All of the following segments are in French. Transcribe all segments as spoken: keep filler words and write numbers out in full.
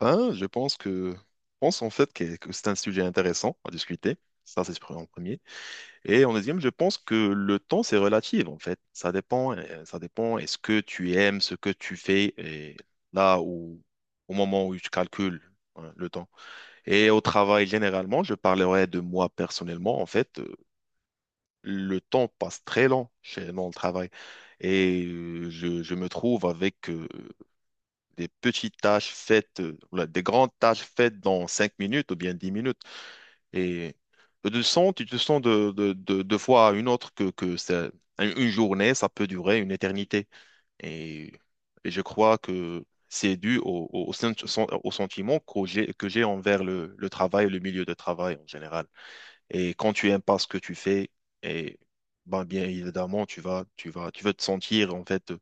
Ben, je pense que, je pense en fait que, que c'est un sujet intéressant à discuter. Ça, c'est en premier. Et en deuxième, je pense que le temps, c'est relatif, en fait. Ça dépend, euh, ça dépend. Est-ce que tu aimes ce que tu fais et là où, au moment où tu calcules, hein, le temps. Et au travail, généralement, je parlerai de moi personnellement. En fait, euh, le temps passe très lent chez, dans le travail. Et euh, je, je me trouve avec euh, des petites tâches faites, euh, oula, des grandes tâches faites dans cinq minutes ou bien dix minutes. Et de son, tu te sens de, de, de, de fois à une autre que, que ça- une journée, ça peut durer une éternité. Et, et je crois que c'est dû au, au, au sen- sen- au sentiment que j'ai, que j'ai envers le, le travail, le milieu de travail en général. Et quand tu aimes pas ce que tu fais, et ben, bien évidemment, tu vas, tu vas, tu vas te sentir en fait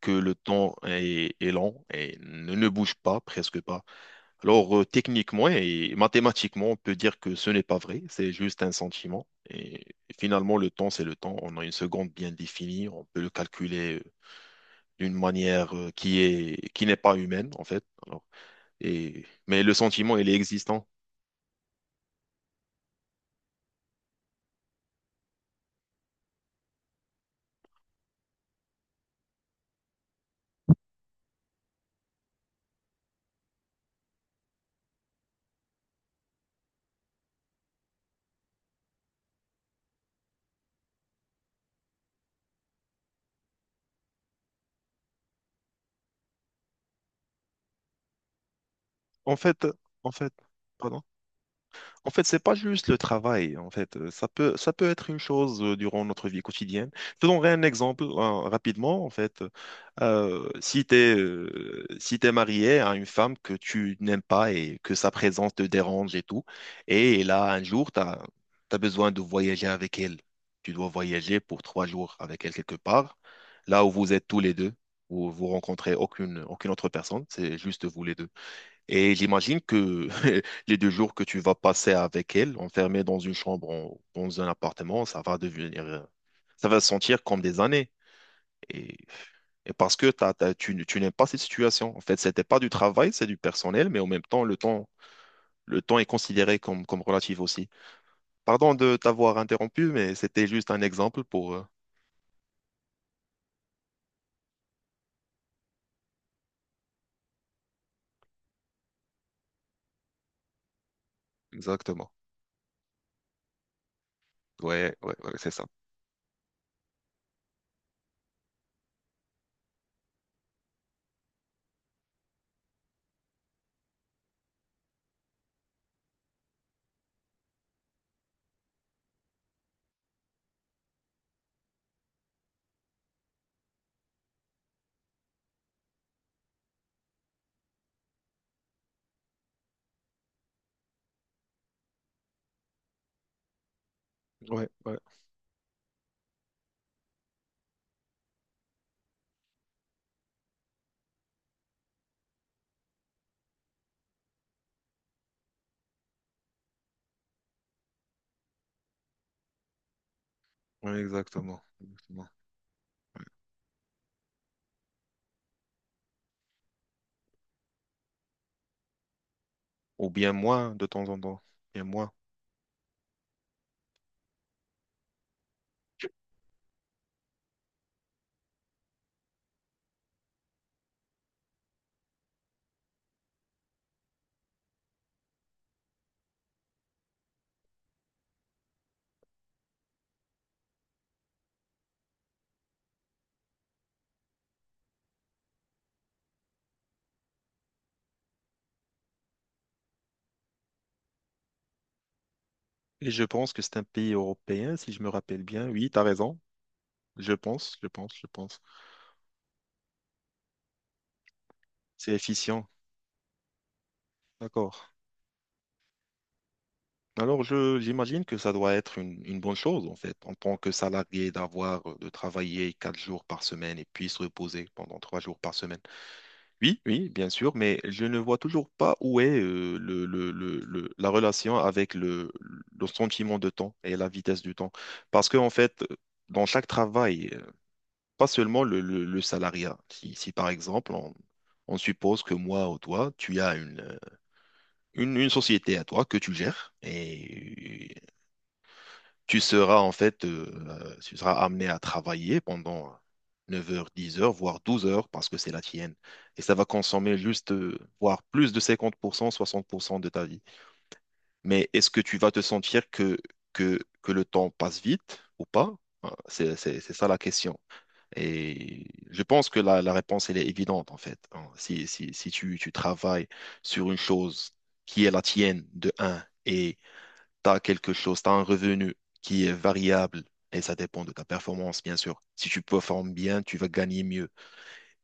que le temps est, est lent et ne, ne bouge pas, presque pas. Alors, euh, techniquement et mathématiquement, on peut dire que ce n'est pas vrai, c'est juste un sentiment. Et finalement, le temps, c'est le temps. On a une seconde bien définie, on peut le calculer euh, d'une manière euh, qui est, qui n'est pas humaine, en fait. Alors, et, mais le sentiment, il est existant. En fait, en fait, pardon. En fait, c'est pas juste le travail. En fait, Euh, ça peut, ça peut être une chose euh, durant notre vie quotidienne. Je te donnerai un exemple euh, rapidement. En fait, Euh, si tu es, si t'es marié à une femme que tu n'aimes pas et que sa présence te dérange et tout, et là, un jour, tu as besoin de voyager avec elle. Tu dois voyager pour trois jours avec elle quelque part, là où vous êtes tous les deux, où vous rencontrez aucune, aucune autre personne, c'est juste vous les deux. Et j'imagine que les deux jours que tu vas passer avec elle, enfermée dans une chambre, en- dans un appartement, ça va devenir, euh, ça va sentir comme des années. Et, et parce que t'as- t'as- tu, n- tu n'aimes pas cette situation. En fait, c'était pas du travail, c'est du personnel, mais en même temps, le temps, le temps est considéré comme, comme relatif aussi. Pardon de t'avoir interrompu, mais c'était juste un exemple pour. euh, Exactement. Ouais, ouais, ouais, c'est ça. Ouais, ouais, ouais, exactement, exactement. Ou bien moins de temps en temps. Bien moins. Et je pense que c'est un pays européen, si je me rappelle bien. Oui, tu as raison. Je pense, je pense, je pense. C'est efficient. D'accord. Alors, je, j'imagine que ça doit être une, une bonne chose, en fait, en tant que salarié, d'avoir, euh, de travailler quatre jours par semaine et puis se reposer pendant trois jours par semaine. Oui, oui, bien sûr, mais je ne vois toujours pas où est, euh, le, le- le- le- la relation avec le, le sentiment de temps et la vitesse du temps. Parce que, en fait, dans chaque travail, pas seulement le, le- le salariat. Si, si, par exemple, on, on suppose que moi ou toi, tu as une, euh, une, une société à toi que tu gères et tu seras en fait, euh, euh, tu seras amené à travailler pendant neuf heures, dix heures, voire douze heures parce que c'est la tienne. Et ça va consommer juste, euh, voire plus de cinquante pour cent, soixante pour cent de ta vie. Mais est-ce que tu vas te sentir que, que, que le temps passe vite ou pas? Euh, C'est, c'est c'est ça la question. Et je pense que la, la réponse, elle est évidente, en fait, hein. Si, si, si tu, tu travailles sur une chose qui est la tienne, de un, et tu as quelque chose, tu as un revenu qui est variable, et ça dépend de ta performance, bien sûr. Si tu performes bien, tu vas gagner mieux.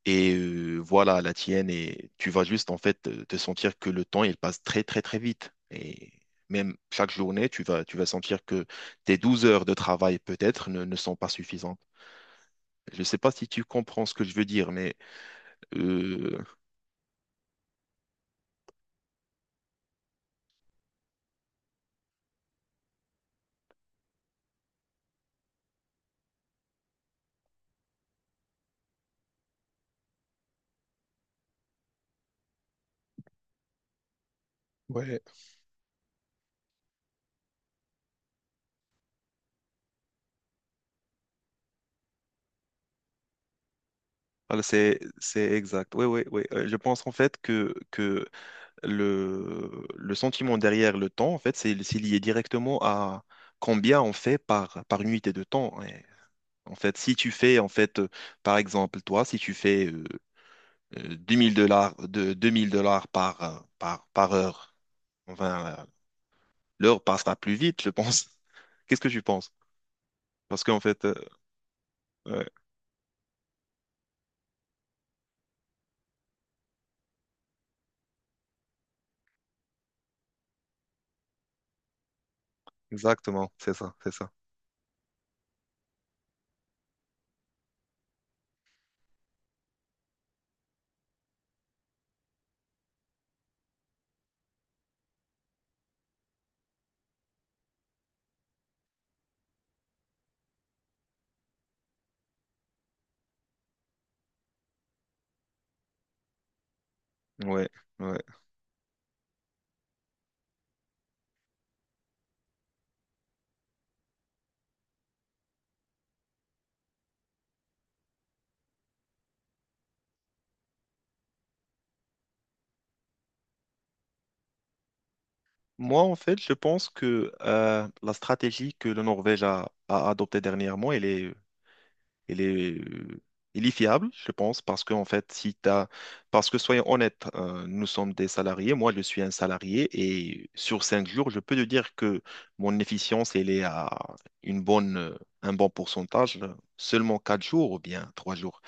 Et euh, voilà, la tienne, et tu vas juste, en fait, te te sentir que le temps, il passe très, très, très vite. Et même chaque journée, tu vas, tu vas sentir que tes douze heures de travail, peut-être, ne, ne sont pas suffisantes. Je ne sais pas si tu comprends ce que je veux dire, mais euh, Ouais. Voilà, c'est, c'est exact. Oui, oui, oui. Euh, Je pense en fait que, que le, le sentiment derrière le temps, en fait, c'est c'est lié directement à combien on fait par, par unité de temps. Et en fait, si tu fais, en fait, euh, par exemple, toi, si tu fais euh, euh, deux mille dollars, de deux mille dollars par, euh, par, par heure. Enfin, euh, l'heure passera plus vite, je pense. Qu'est-ce que tu penses? Parce qu'en fait, euh, ouais, exactement, c'est ça, c'est ça. Ouais, ouais. Moi, en fait, je pense que euh, la stratégie que la Norvège a, a adoptée dernièrement, elle est il est, il est fiable, je pense, parce que, en fait, si t'as, parce que soyons honnêtes, euh, nous sommes des salariés, moi je suis un salarié, et sur cinq jours, je peux te dire que mon efficience, elle est à une bonne, euh, un bon pourcentage, seulement quatre jours ou bien trois jours.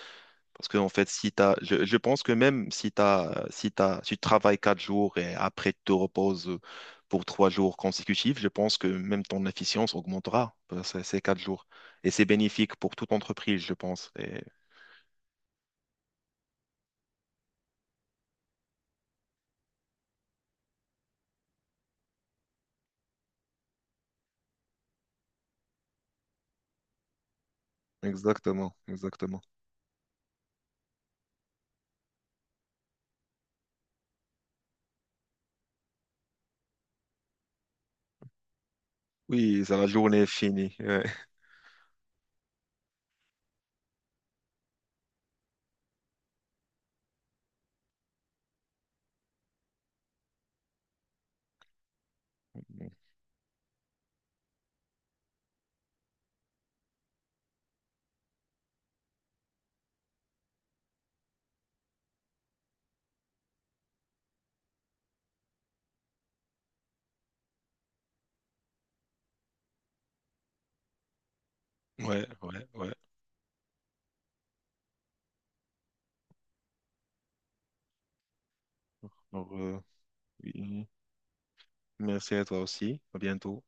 Parce que, en fait, si t'as, je, je pense que même si t'as, si t'as, si tu travailles quatre jours et après tu te reposes pour trois jours consécutifs, je pense que même ton efficience augmentera par ces ces quatre jours. Et c'est bénéfique pour toute entreprise, je pense. Et- Exactement, exactement. Oui, c'est la journée est finie. Ouais, ouais, ouais, ouais. Donc, euh, oui, merci à toi aussi. À bientôt.